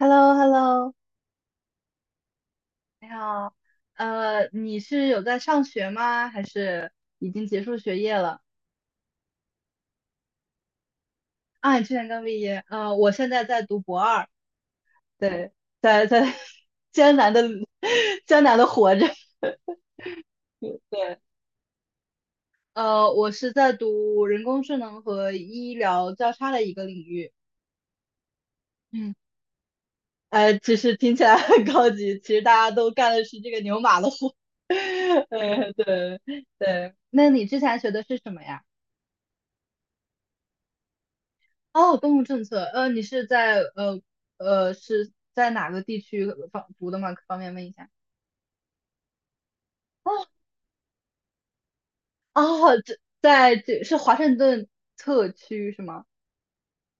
hello hello 你好。你是有在上学吗？还是已经结束学业了？啊，你去年刚毕业。我现在在读博二。对，在 艰难的 艰难的活着。对，我是在读人工智能和医疗交叉的一个领域。嗯，其实听起来很高级，其实大家都干的是这个牛马的活。对对。那你之前学的是什么呀？哦，公共政策。你是在呃呃是在哪个地区方读的吗？方便问一下？哦哦，这是华盛顿特区是吗？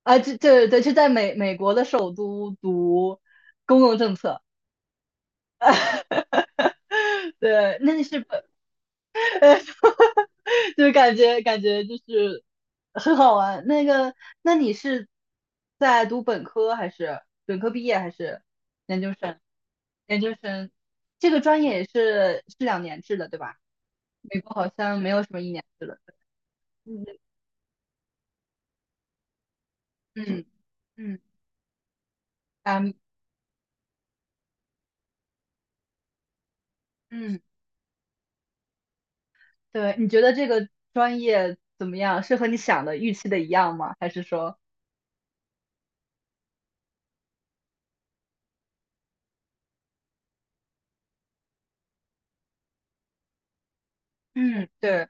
啊，这对，是在美国的首都读公共政策。对，那你是本哎，就是感觉就是很好玩。那个，那你是在读本科还是本科毕业还是研究生？研究生这个专业也是两年制的，对吧？美国好像没有什么一年制的。嗯，嗯嗯嗯嗯，对，你觉得这个专业怎么样？是和你想的预期的一样吗？还是说，嗯，对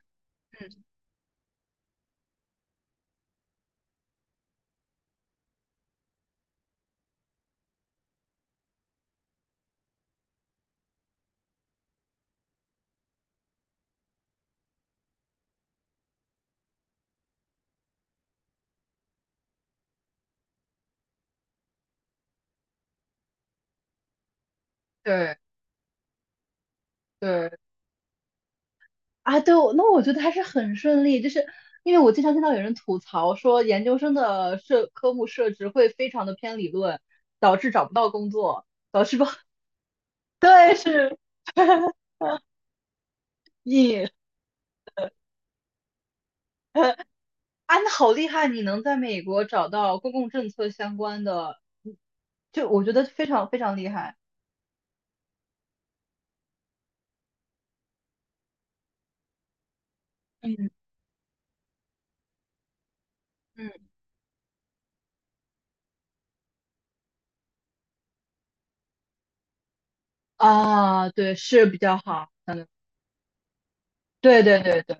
对对，啊，对，我觉得还是很顺利，就是因为我经常听到有人吐槽说，研究生的科目设置会非常的偏理论，导致找不到工作，导致不，对，是你啊，那好厉害，你能在美国找到公共政策相关的。嗯，就我觉得非常非常厉害。嗯，嗯，啊，对，是比较好。嗯，对对对对。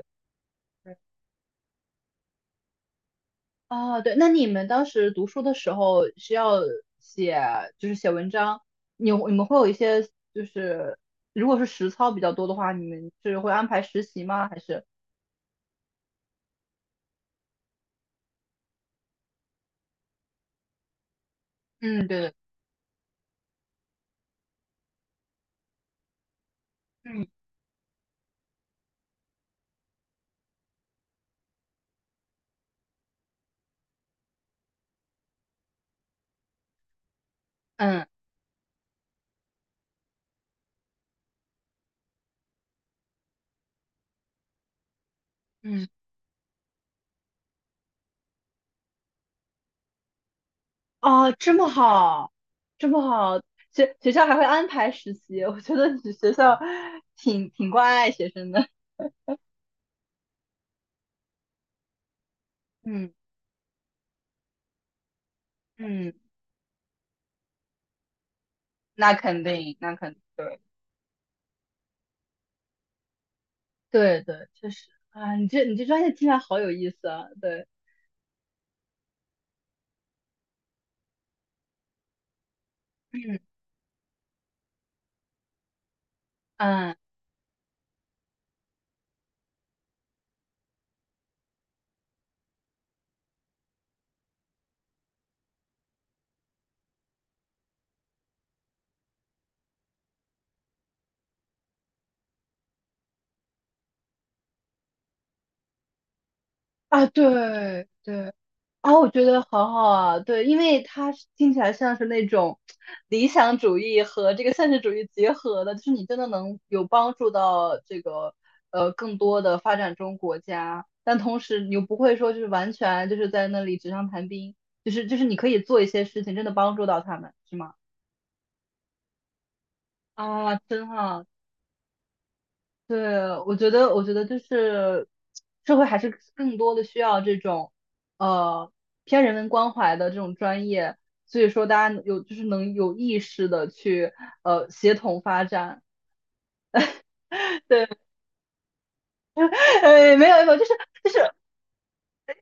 哦，对，那你们当时读书的时候需要写，就是写文章。你们会有一些，就是，如果是实操比较多的话，你们是会安排实习吗？还是？嗯，对对，嗯嗯，嗯，哦，这么好，这么好，学校还会安排实习，我觉得你学校挺关爱学生的。嗯 嗯，那肯定，那肯定，对。对对，确实啊，你这专业听起来好有意思啊。对，嗯。嗯。啊，对对啊，我觉得好好啊。对，因为它是听起来像是那种理想主义和这个现实主义结合的，就是你真的能有帮助到这个更多的发展中国家，但同时你又不会说就是完全就是在那里纸上谈兵，就是你可以做一些事情，真的帮助到他们，是吗？啊，真好。对，我觉得就是社会还是更多的需要这种呃偏人文关怀的这种专业，所以说大家有就是能有意识的去协同发展。对，没有没有，就是就是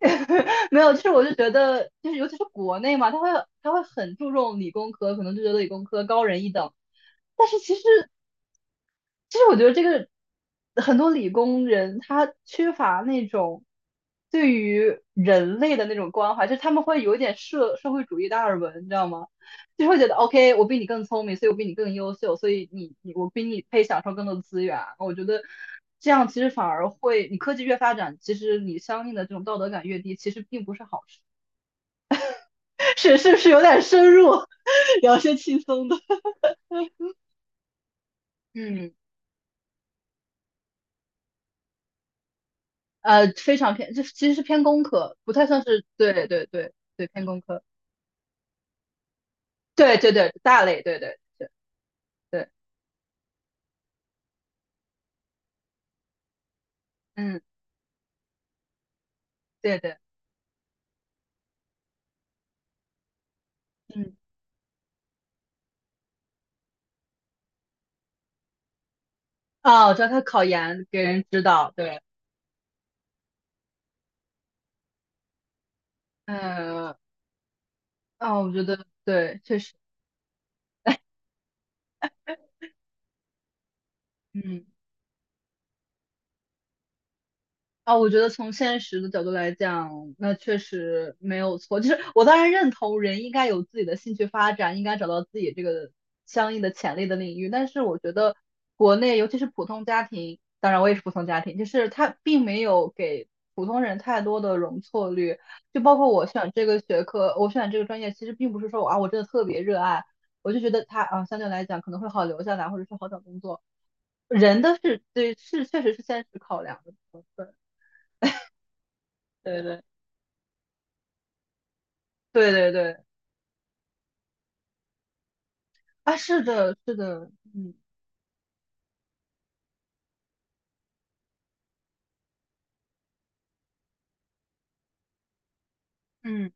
没有，就是我就觉得就是尤其是国内嘛，他会很注重理工科，可能就觉得理工科高人一等。但是其实。其实我觉得这个很多理工人他缺乏那种对于人类的那种关怀，就是他们会有一点社会主义达尔文，你知道吗？就会觉得 OK，我比你更聪明，所以我比你更优秀，所以我比你配享受更多的资源。我觉得这样其实反而会，你科技越发展，其实你相应的这种道德感越低，其实并不是好事。是不是有点深入，聊些轻松的？嗯。非常偏，就是其实是偏工科，不太算是，对对对对，偏工科，对对对，大类，对对对对，嗯，对对，嗯，哦，我知道他考研给人指导，对，嗯，哦，我觉得对，确实，嗯。啊，我觉得从现实的角度来讲，那确实没有错。就是我当然认同人应该有自己的兴趣发展，应该找到自己这个相应的潜力的领域。但是我觉得国内，尤其是普通家庭，当然我也是普通家庭，就是他并没有给普通人太多的容错率。就包括我选这个学科，我选这个专业，其实并不是说我啊我真的特别热爱，我就觉得它啊相对来讲可能会好留下来，或者是好找工作。人的是对是确实是现实考量的部分，对对。对对对，啊，是的，是的，嗯嗯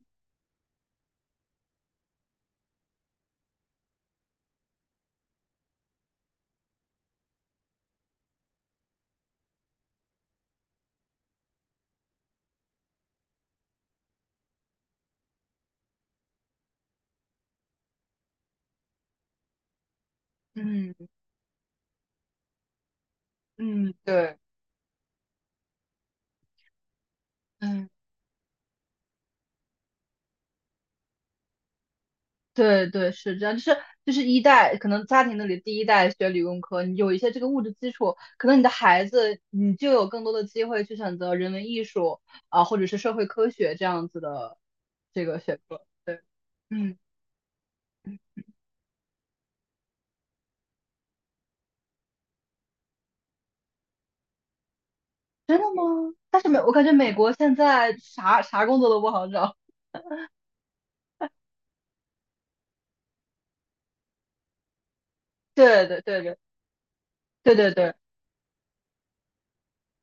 嗯嗯，对，嗯，对对，是这样，就是就是一代，可能家庭那里第一代学理工科，你有一些这个物质基础，可能你的孩子你就有更多的机会去选择人文艺术啊，或者是社会科学这样子的这个学科。对，嗯，真的吗？但是我感觉美国现在啥啥工作都不好找，对对对对对对对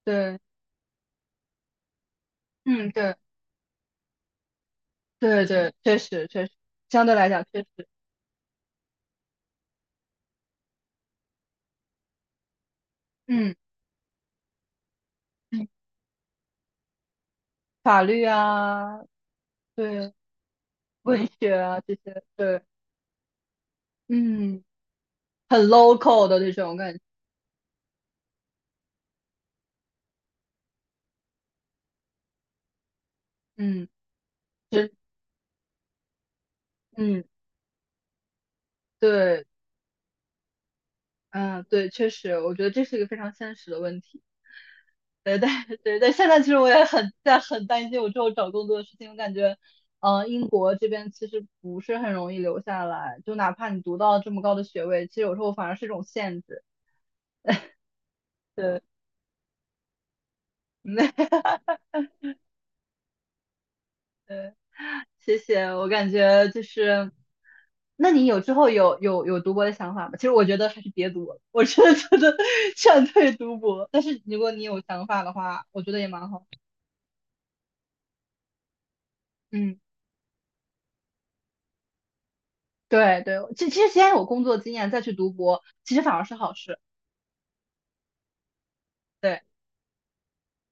对。嗯，对。对对，确实确实，相对来讲确实，嗯，嗯，法律啊，对，文学啊这些，对，嗯，很 local 的这种感觉，嗯，是，嗯，对，嗯，对，确实，我觉得这是一个非常现实的问题。对对对对，现在其实我也很在很担心我之后找工作的事情。我感觉，英国这边其实不是很容易留下来，就哪怕你读到这么高的学位，其实有时候反而是一种限制。对，哈对。谢谢，我感觉就是，那你之后有读博的想法吗？其实我觉得还是别读了，我真的觉得 劝退读博。但是如果你有想法的话，我觉得也蛮好。嗯，对对，其实先有工作经验再去读博，其实反而是好事。对，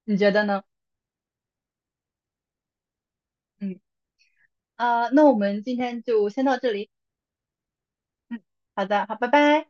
你觉得呢？嗯。啊，那我们今天就先到这里。嗯，好的，好，拜拜。